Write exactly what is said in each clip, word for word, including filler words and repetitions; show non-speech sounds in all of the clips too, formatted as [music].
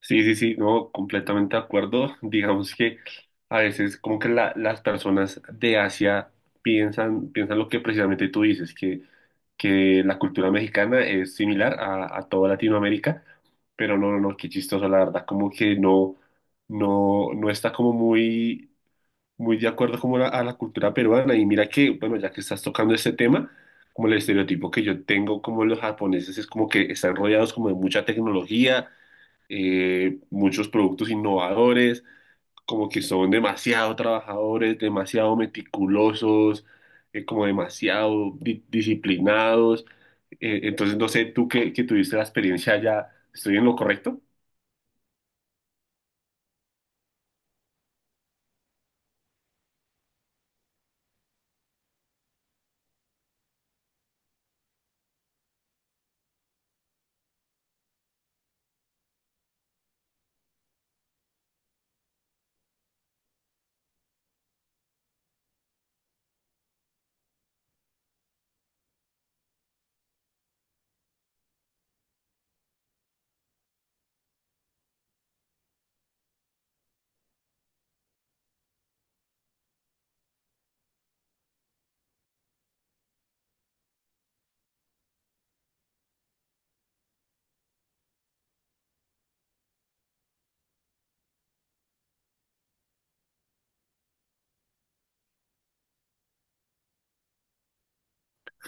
Sí, sí, sí, no, completamente de acuerdo. [laughs] Digamos que a veces como que la- las personas de Asia piensan, piensan lo que precisamente tú dices, que, que la cultura mexicana es similar a, a toda Latinoamérica, pero no, no, no, qué chistoso, la verdad, como que no, no, no está como muy, muy de acuerdo como la- a la cultura peruana. Y mira que, bueno, ya que estás tocando este tema, como el estereotipo que yo tengo como los japoneses es como que están rodeados como de mucha tecnología, eh, muchos productos innovadores, como que son demasiado trabajadores, demasiado meticulosos, eh, como demasiado di- disciplinados. Eh, entonces, no sé, tú que, que tuviste la experiencia ya, ¿estoy en lo correcto? [laughs]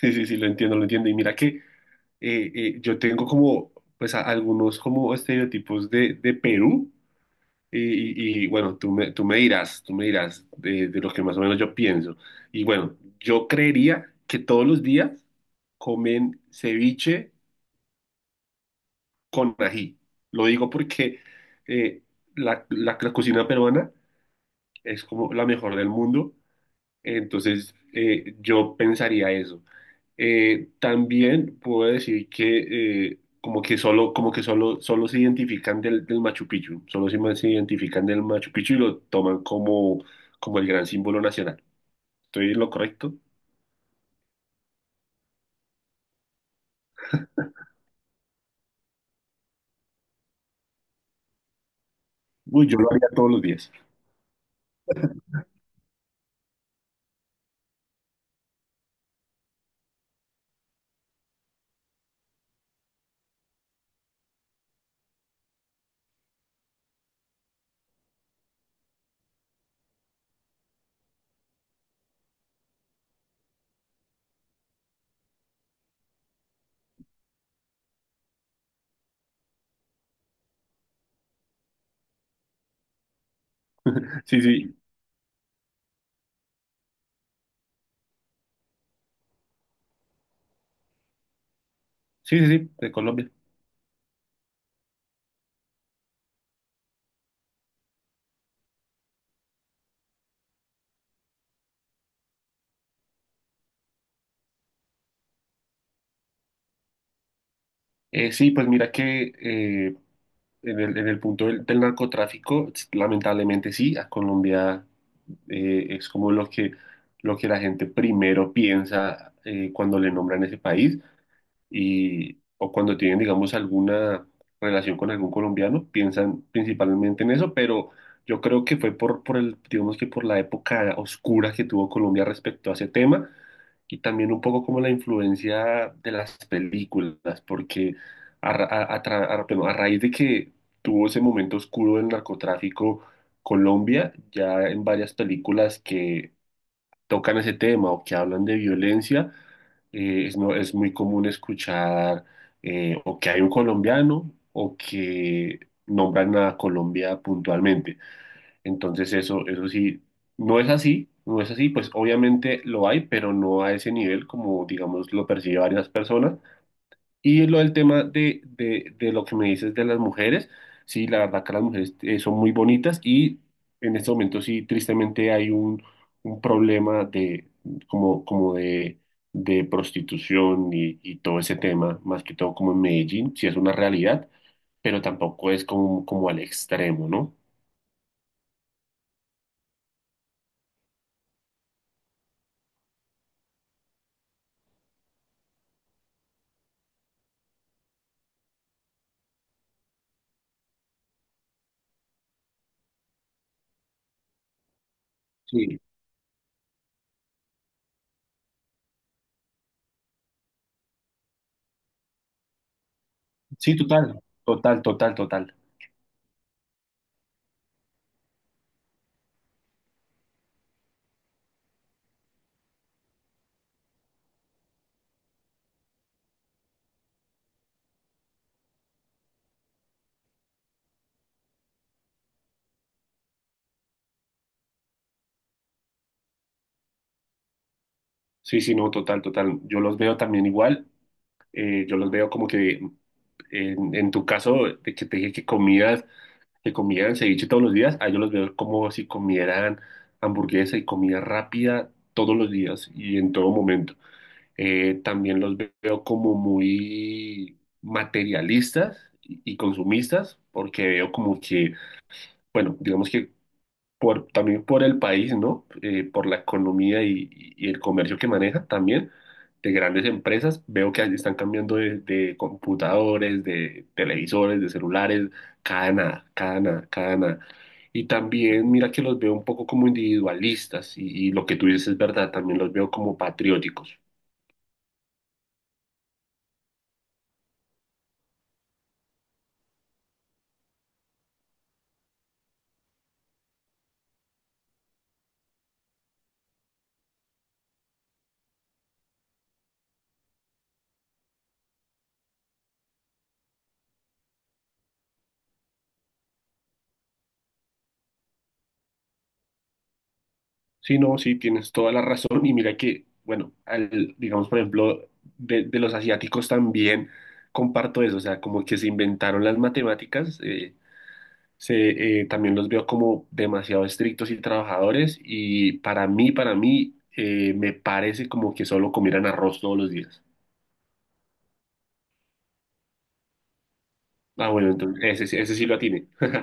Sí, sí, sí, lo entiendo, lo entiendo. Y mira que eh, eh, yo tengo como, pues, a- algunos como estereotipos de, de Perú. Y, y- y, bueno, tú me, tú me dirás, tú me dirás de, de lo que más o menos yo pienso. Y bueno, yo creería que todos los días comen ceviche con ají. Lo digo porque eh, la, la- la cocina peruana es como la mejor del mundo, entonces, eh, yo pensaría eso. Eh, también puedo decir que eh, como que solo, como que solo, solo se identifican del, del Machu Picchu, solo se, se identifican del Machu Picchu y lo toman como, como el gran símbolo nacional. ¿Estoy en lo correcto? Uy, yo lo haría todos los días. [laughs] Sí, sí, sí, sí, sí, de Colombia. Eh, sí, pues mira que eh, en el, en el punto del, del narcotráfico, lamentablemente sí, a Colombia eh, es como lo que, lo que la gente primero piensa, eh, cuando le nombran ese país y, o cuando tienen, digamos, alguna relación con algún colombiano, piensan principalmente en eso, pero yo creo que fue por, por el, digamos que por la época oscura que tuvo Colombia respecto a ese tema y también un poco como la influencia de las películas, porque a, ra- a- a tra- a- perdón, a raíz de que tuvo ese momento oscuro del narcotráfico, Colombia, ya en varias películas que tocan ese tema o que hablan de violencia, eh, es, no, es muy común escuchar eh, o que hay un colombiano o que nombran a Colombia puntualmente. Entonces eso, eso sí, no es así, no es así, pues obviamente lo hay, pero no a ese nivel como digamos lo percibe varias personas. Y lo del tema de, de, de lo que me dices de las mujeres, sí, la verdad que las mujeres eh, son muy bonitas y en este momento sí, tristemente hay un, un problema de, como, como de, de prostitución y, y todo ese tema, más que todo como en Medellín, sí es una realidad, pero tampoco es como, como al extremo, ¿no? Sí, sí, total, total, total, total. Sí, sí, no, total, total. Yo los veo también igual. Eh, yo los veo como que en, en tu caso, de que te dije que comías, que comieran ceviche todos los días, a ellos los veo como si comieran hamburguesa y comida rápida todos los días y en todo momento. Eh, también los veo como muy materialistas y y consumistas, porque veo como que, bueno, digamos que por, también por el país, ¿no? Eh, por la economía y, y el comercio que maneja también de grandes empresas. Veo que están cambiando de, de computadores, de televisores, de celulares, cada nada, cada nada, cada nada. Y también mira que los veo un poco como individualistas y, y lo que tú dices es verdad, también los veo como patrióticos. Sí, no, sí, tienes toda la razón. Y mira que, bueno, al- digamos, por ejemplo, de, de los asiáticos también comparto eso, o sea, como que se inventaron las matemáticas, eh, se, eh, también los veo como demasiado estrictos y trabajadores y para mí, para mí, eh, me parece como que solo comieran arroz todos los días. Ah, bueno, entonces ese, sí- ese sí lo atiene. [laughs]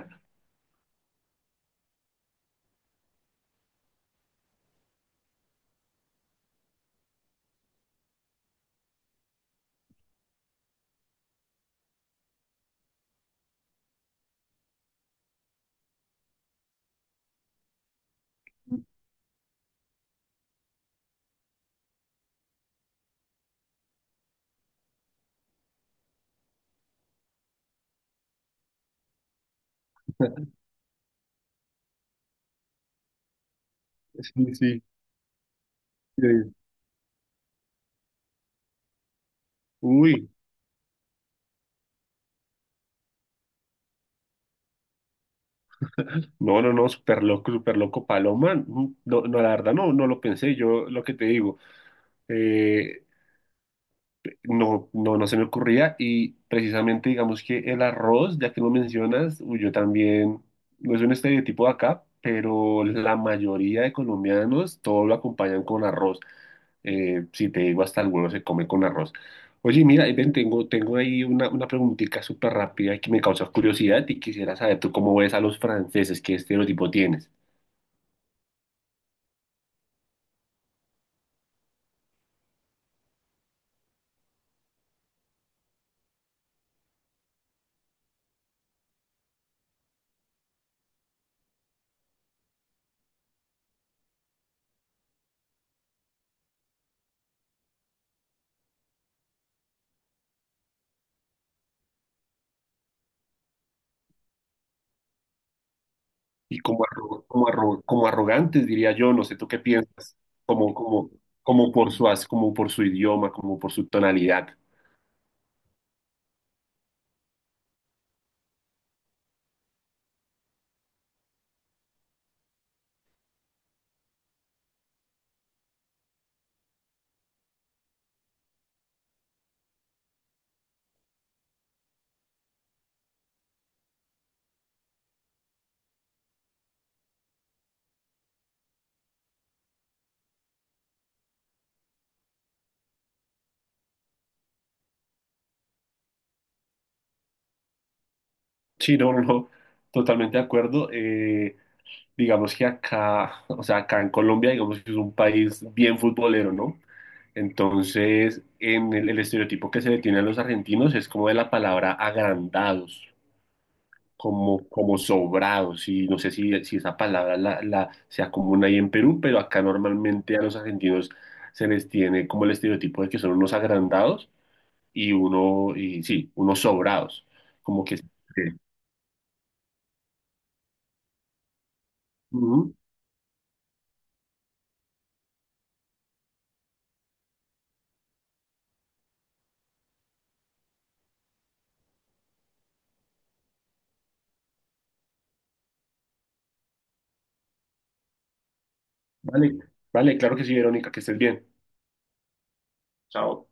Sí, sí. Sí. Uy, no, no, no, súper loco, súper loco, Paloma. Mm, no, no, la verdad, no, no lo pensé. Yo lo que te digo. eh, No, no, no se me ocurría y precisamente digamos que el arroz, ya que lo mencionas, uy, yo también, no es un estereotipo de acá, pero la mayoría de colombianos todo lo acompañan con arroz. Eh, si te digo hasta el huevo se come con arroz. Oye, mira, eh, ven, tengo, tengo ahí una, una preguntita súper rápida que me causa curiosidad y quisiera saber tú cómo ves a los franceses, qué estereotipo tienes. Y como, arro- como, arro- como arrogantes, diría yo, no sé, ¿tú qué piensas? Como, como, como por su, as- como por su idioma, como por su tonalidad. Sí, no, no, no, totalmente de acuerdo. Eh, digamos que acá, [laughs] o sea, acá en Colombia, digamos que es un país bien futbolero, ¿no? Entonces, en el, el estereotipo que se le tiene a los argentinos es como de la palabra agrandados. Como, como sobrados, y no sé si, si esa palabra la, la, sea común ahí en Perú, pero acá normalmente a los argentinos se les tiene como el estereotipo de que son unos agrandados y uno, y sí, unos sobrados, como que... que- Ujú. Vale, vale, claro que sí, Verónica, que estés bien. Chao.